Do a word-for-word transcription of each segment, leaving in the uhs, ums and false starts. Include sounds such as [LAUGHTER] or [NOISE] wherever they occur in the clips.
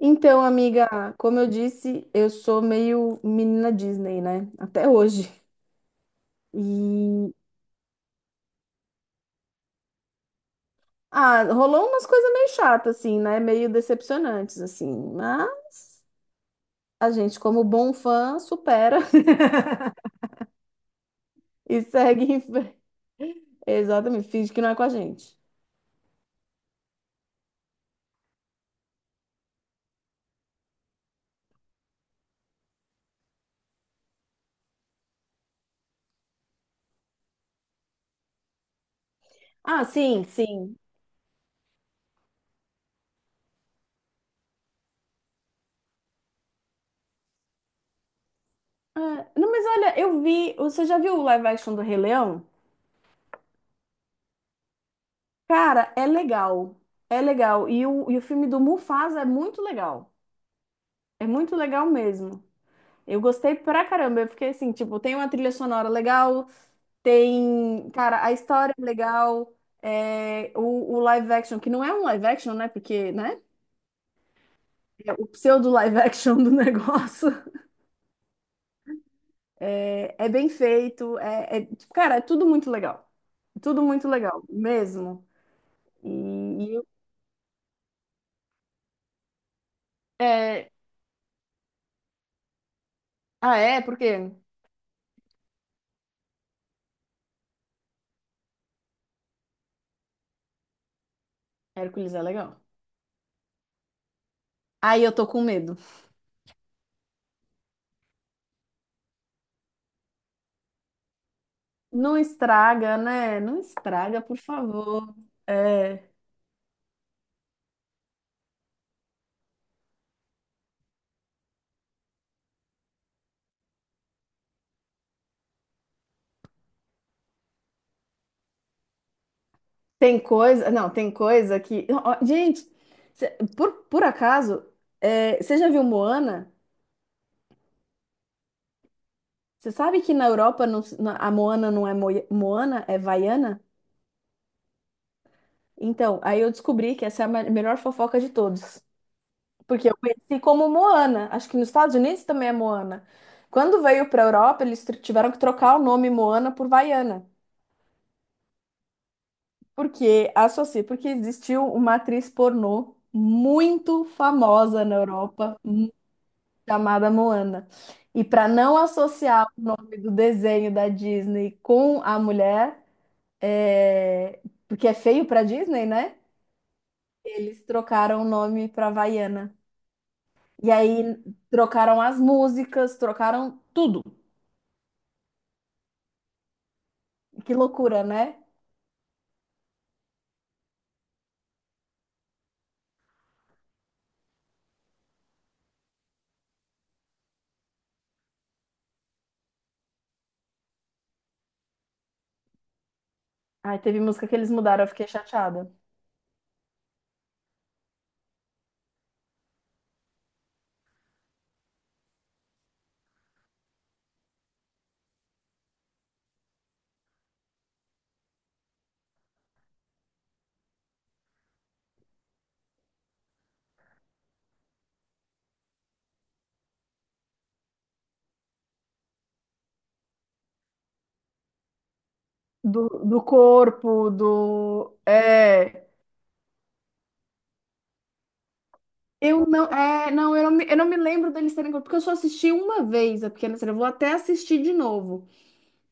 Então, amiga, como eu disse, eu sou meio menina Disney, né? Até hoje. E ah, Rolou umas coisas meio chatas, assim, né? Meio decepcionantes, assim. Mas a gente, como bom fã, supera [LAUGHS] e segue em frente. Exatamente, finge que não é com a gente. Ah, sim, sim. Ah, não, mas olha, eu vi. Você já viu o live action do Rei Leão? Cara, é legal. É legal. E o, e o filme do Mufasa é muito legal. É muito legal mesmo. Eu gostei pra caramba. Eu fiquei assim, tipo, tem uma trilha sonora legal, tem, cara, a história é legal, é, o, o live action, que não é um live action, né? Porque, né? É o pseudo live action do [LAUGHS] negócio. É, é bem feito, é, é- tipo, cara, é tudo muito legal. Tudo muito legal, mesmo. E, e eu- É, ah, é? Por quê? Hércules é legal. Aí eu tô com medo. Não estraga, né? Não estraga, por favor. É. Tem coisa, não, tem coisa que. Ó, gente, cê- por, por acaso, é, você já viu Moana? Você sabe que na Europa não se- na- a Moana não é Moi- Moana, é Vaiana? Então, aí eu descobri que essa é a me- melhor fofoca de todos. Porque eu conheci como Moana. Acho que nos Estados Unidos também é Moana. Quando veio para a Europa, eles tr- tiveram que trocar o nome Moana por Vaiana. Porque associa, porque existiu uma atriz pornô muito famosa na Europa chamada Moana. E para não associar o nome do desenho da Disney com a mulher, é, porque é feio para Disney, né? Eles trocaram o nome para Havaiana. E aí trocaram as músicas, trocaram tudo. Que loucura, né? Aí teve música que eles mudaram, eu fiquei chateada. Do, do corpo, do. É. Eu não. É, não, eu não me, eu não me lembro deles terem corpo. Porque eu só assisti uma vez a Pequena Sereia. Eu vou até assistir de novo.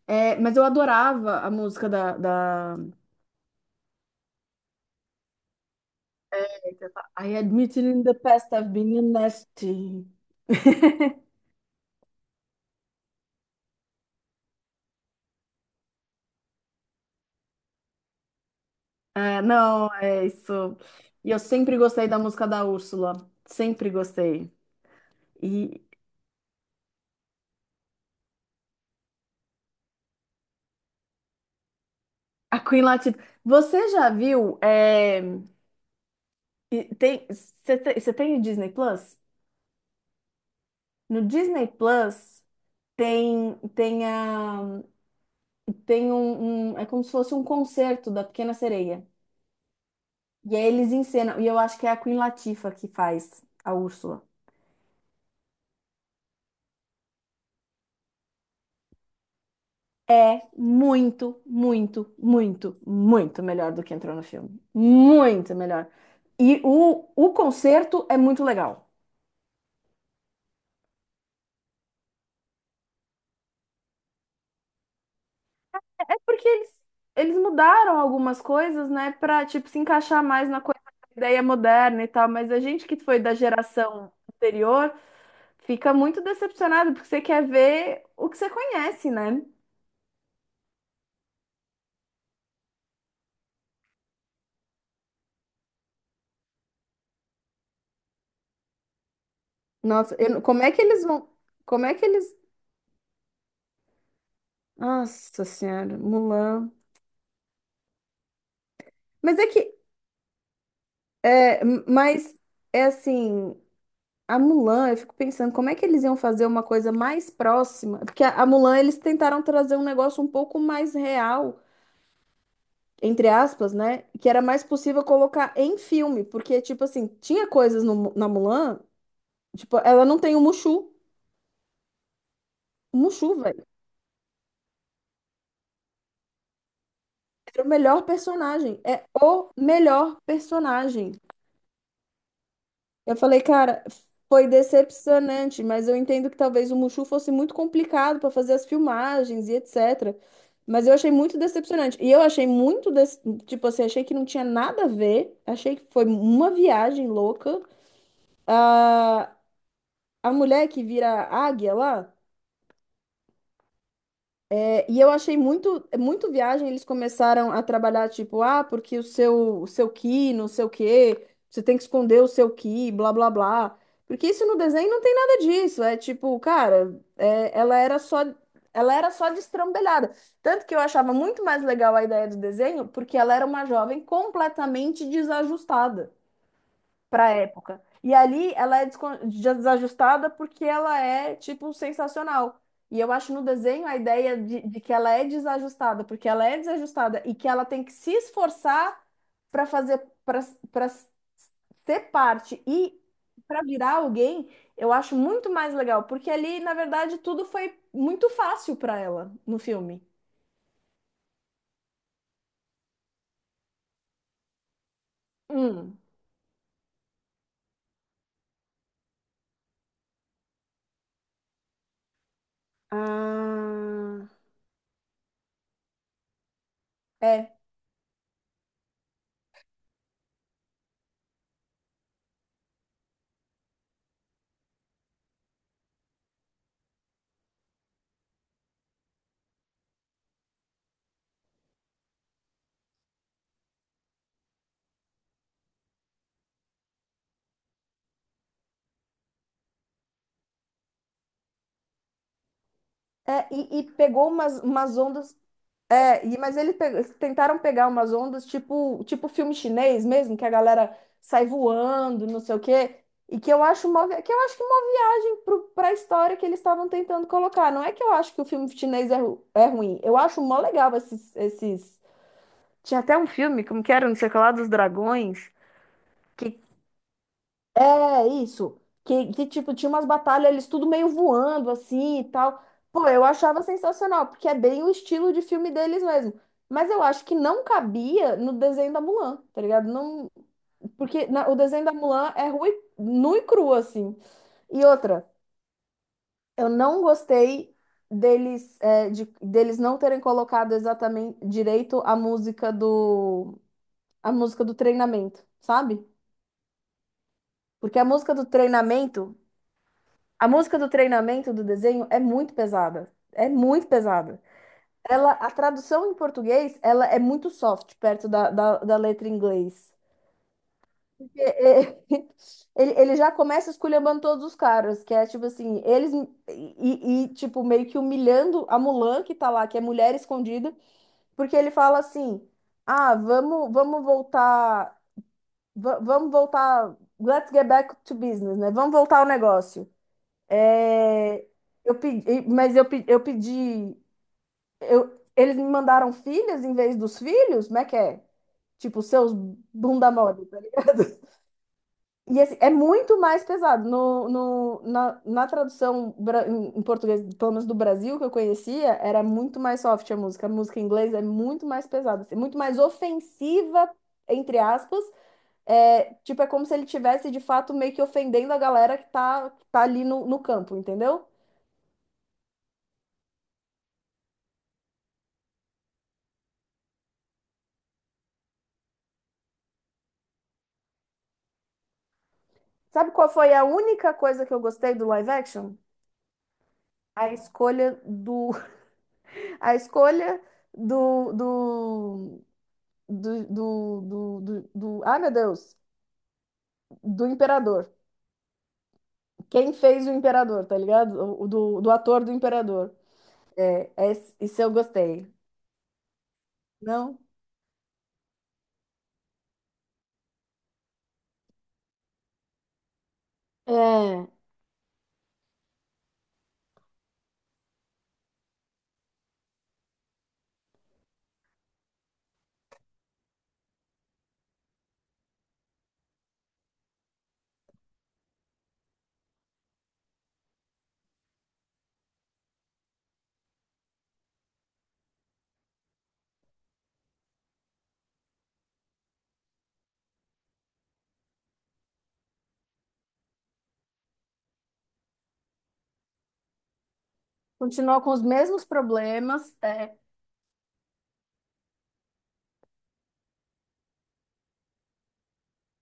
É, mas eu adorava a música da, da... I admit in the past I've been nasty. É, não, é isso. E eu sempre gostei da música da Úrsula. Sempre gostei. E a Queen Latifah. Você já viu? É, e tem, você tem, você tem o Disney Plus? No Disney Plus tem, tem, a, tem um, um- é como se fosse um concerto da Pequena Sereia. E aí eles encenam. E eu acho que é a Queen Latifah que faz a Úrsula. É muito, muito, muito, muito melhor do que entrou no filme. Muito melhor. E o, o concerto é muito legal. É porque eles, eles mudaram algumas coisas, né, pra, tipo, se encaixar mais na coisa da ideia moderna e tal, mas a gente que foi da geração anterior fica muito decepcionado porque você quer ver o que você conhece, né? Nossa, eu não- como é que eles vão. Como é que eles. Nossa Senhora, Mulan. Mas é que É, m- mas é assim, a Mulan, eu fico pensando como é que eles iam fazer uma coisa mais próxima, porque a a Mulan eles tentaram trazer um negócio um pouco mais real, entre aspas, né? Que era mais possível colocar em filme, porque tipo assim, tinha coisas no Mu- na Mulan, tipo, ela não tem o Mushu, o Mushu, velho. Era o melhor personagem, é o melhor personagem. Eu falei, cara, foi decepcionante, mas eu entendo que talvez o Mushu fosse muito complicado para fazer as filmagens e etcétera. Mas eu achei muito decepcionante. E eu achei muito, des- tipo assim, achei que não tinha nada a ver. Achei que foi uma viagem louca. A mulher que vira águia lá. É, e eu achei muito, é muito viagem, eles começaram a trabalhar, tipo, ah, porque o seu, o seu ki, não sei o quê, você tem que esconder o seu ki, blá, blá, blá. Porque isso no desenho não tem nada disso, é tipo, cara, é, ela era só, ela era só destrambelhada. Tanto que eu achava muito mais legal a ideia do desenho, porque ela era uma jovem completamente desajustada pra época. E ali ela é descon- desajustada porque ela é, tipo, sensacional. E eu acho no desenho a ideia de, de que ela é desajustada, porque ela é desajustada e que ela tem que se esforçar para fazer, para para ser parte e para virar alguém, eu acho muito mais legal, porque ali, na verdade, tudo foi muito fácil para ela no filme. Hum. Ah. É, é, e, e pegou umas, umas ondas. É, e, mas ele pe- eles tentaram pegar umas ondas tipo, tipo filme chinês mesmo, que a galera sai voando, não sei o quê, e que eu acho uma, vi- que eu acho que é uma viagem para a história que eles estavam tentando colocar. Não é que eu acho que o filme chinês é, ru- é ruim, eu acho mó legal esses, esses... Tinha até um filme, como que era, não sei o que lá, dos dragões, é isso. Que, que, tipo, tinha umas batalhas, eles tudo meio voando assim e tal. Pô, eu achava sensacional, porque é bem o estilo de filme deles mesmo. Mas eu acho que não cabia no desenho da Mulan, tá ligado? Não, porque na- o desenho da Mulan é ru e, nu e cru, assim. E outra, eu não gostei deles, é, de, deles não terem colocado exatamente direito a música do, a música do treinamento, sabe? Porque a música do treinamento. A música do treinamento do desenho é muito pesada. É muito pesada. Ela, a tradução em português, ela é muito soft perto da, da, da letra em inglês. Porque, é, [LAUGHS] Ele, ele já começa esculhambando todos os caras, que é tipo assim, eles e, e, tipo meio que humilhando a Mulan que tá lá, que é mulher escondida, porque ele fala assim: "Ah, vamos, vamos voltar, va- vamos voltar, let's get back to business, né? Vamos voltar ao negócio". É, eu pedi, mas eu, pe- eu pedi. Eu, eles me mandaram filhas em vez dos filhos? Como é que é? Tipo, seus bunda mole. E assim, é muito mais pesado. No, no, na, na tradução bra- em em português, pelo menos do Brasil, que eu conhecia, era muito mais soft a música. A música em inglês é muito mais pesada, assim, muito mais ofensiva, entre aspas. É, tipo, é como se ele tivesse de fato meio que ofendendo a galera que tá, que tá ali no, no campo, entendeu? Sabe qual foi a única coisa que eu gostei do live action? A escolha do, [LAUGHS] a escolha do, do, do, do, do, do, do- ai meu Deus, do imperador. Quem fez o imperador, tá ligado? O, o do, do ator do imperador. É, é esse- isso eu gostei. Não? É. Continua com os mesmos problemas. É.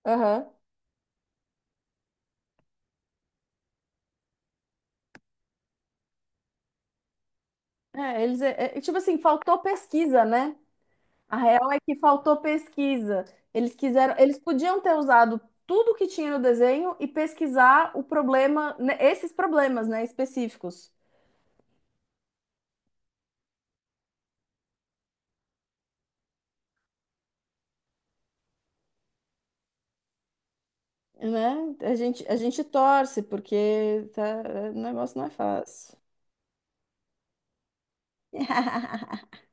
Aham. É, eles, é, é, tipo assim, faltou pesquisa, né? A real é que faltou pesquisa. Eles quiseram, eles podiam ter usado tudo que tinha no desenho e pesquisar o problema, né, esses problemas, né, específicos. Né? A gente, a gente torce, porque tá, o negócio não é fácil. [LAUGHS]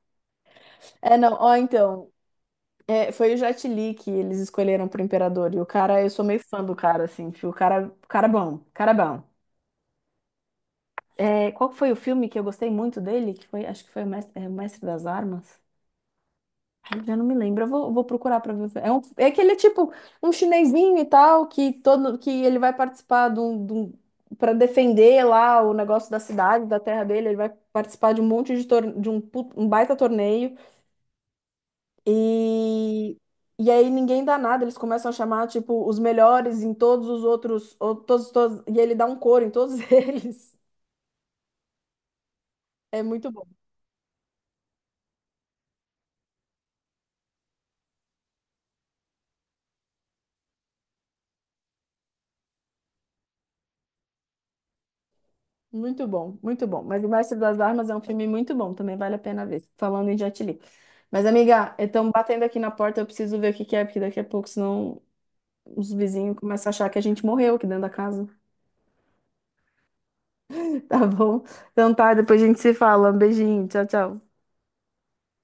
É, não, ó, então, é, foi o Jet Li que eles escolheram pro Imperador, e o cara, eu sou meio fã do cara, assim, tipo, o cara, o cara é bom, o cara é bom. É, qual que foi o filme que eu gostei muito dele? Que foi, acho que foi o Mestre, é, o Mestre das Armas. Ai, já não me lembro. Eu vou, vou procurar pra ver. É, um, é aquele tipo um chinesinho e tal que todo que ele vai participar de um, de um- pra defender lá o negócio da cidade, da terra dele. Ele vai participar de um monte de tor- de um, pu- um baita torneio e e aí ninguém dá nada. Eles começam a chamar tipo os melhores em todos os outros, ou, todos, todos- e ele dá um coro em todos [LAUGHS] eles. É muito bom. Muito bom, muito bom. Mas O Mestre das Armas é um filme muito bom, também vale a pena ver. Falando em Jet Li. Mas, amiga, estão batendo aqui na porta, eu preciso ver o que que é, porque daqui a pouco, senão os vizinhos começam a achar que a gente morreu aqui dentro da casa. [LAUGHS] Tá bom? Então tá, depois a gente se fala. Um beijinho, tchau, tchau.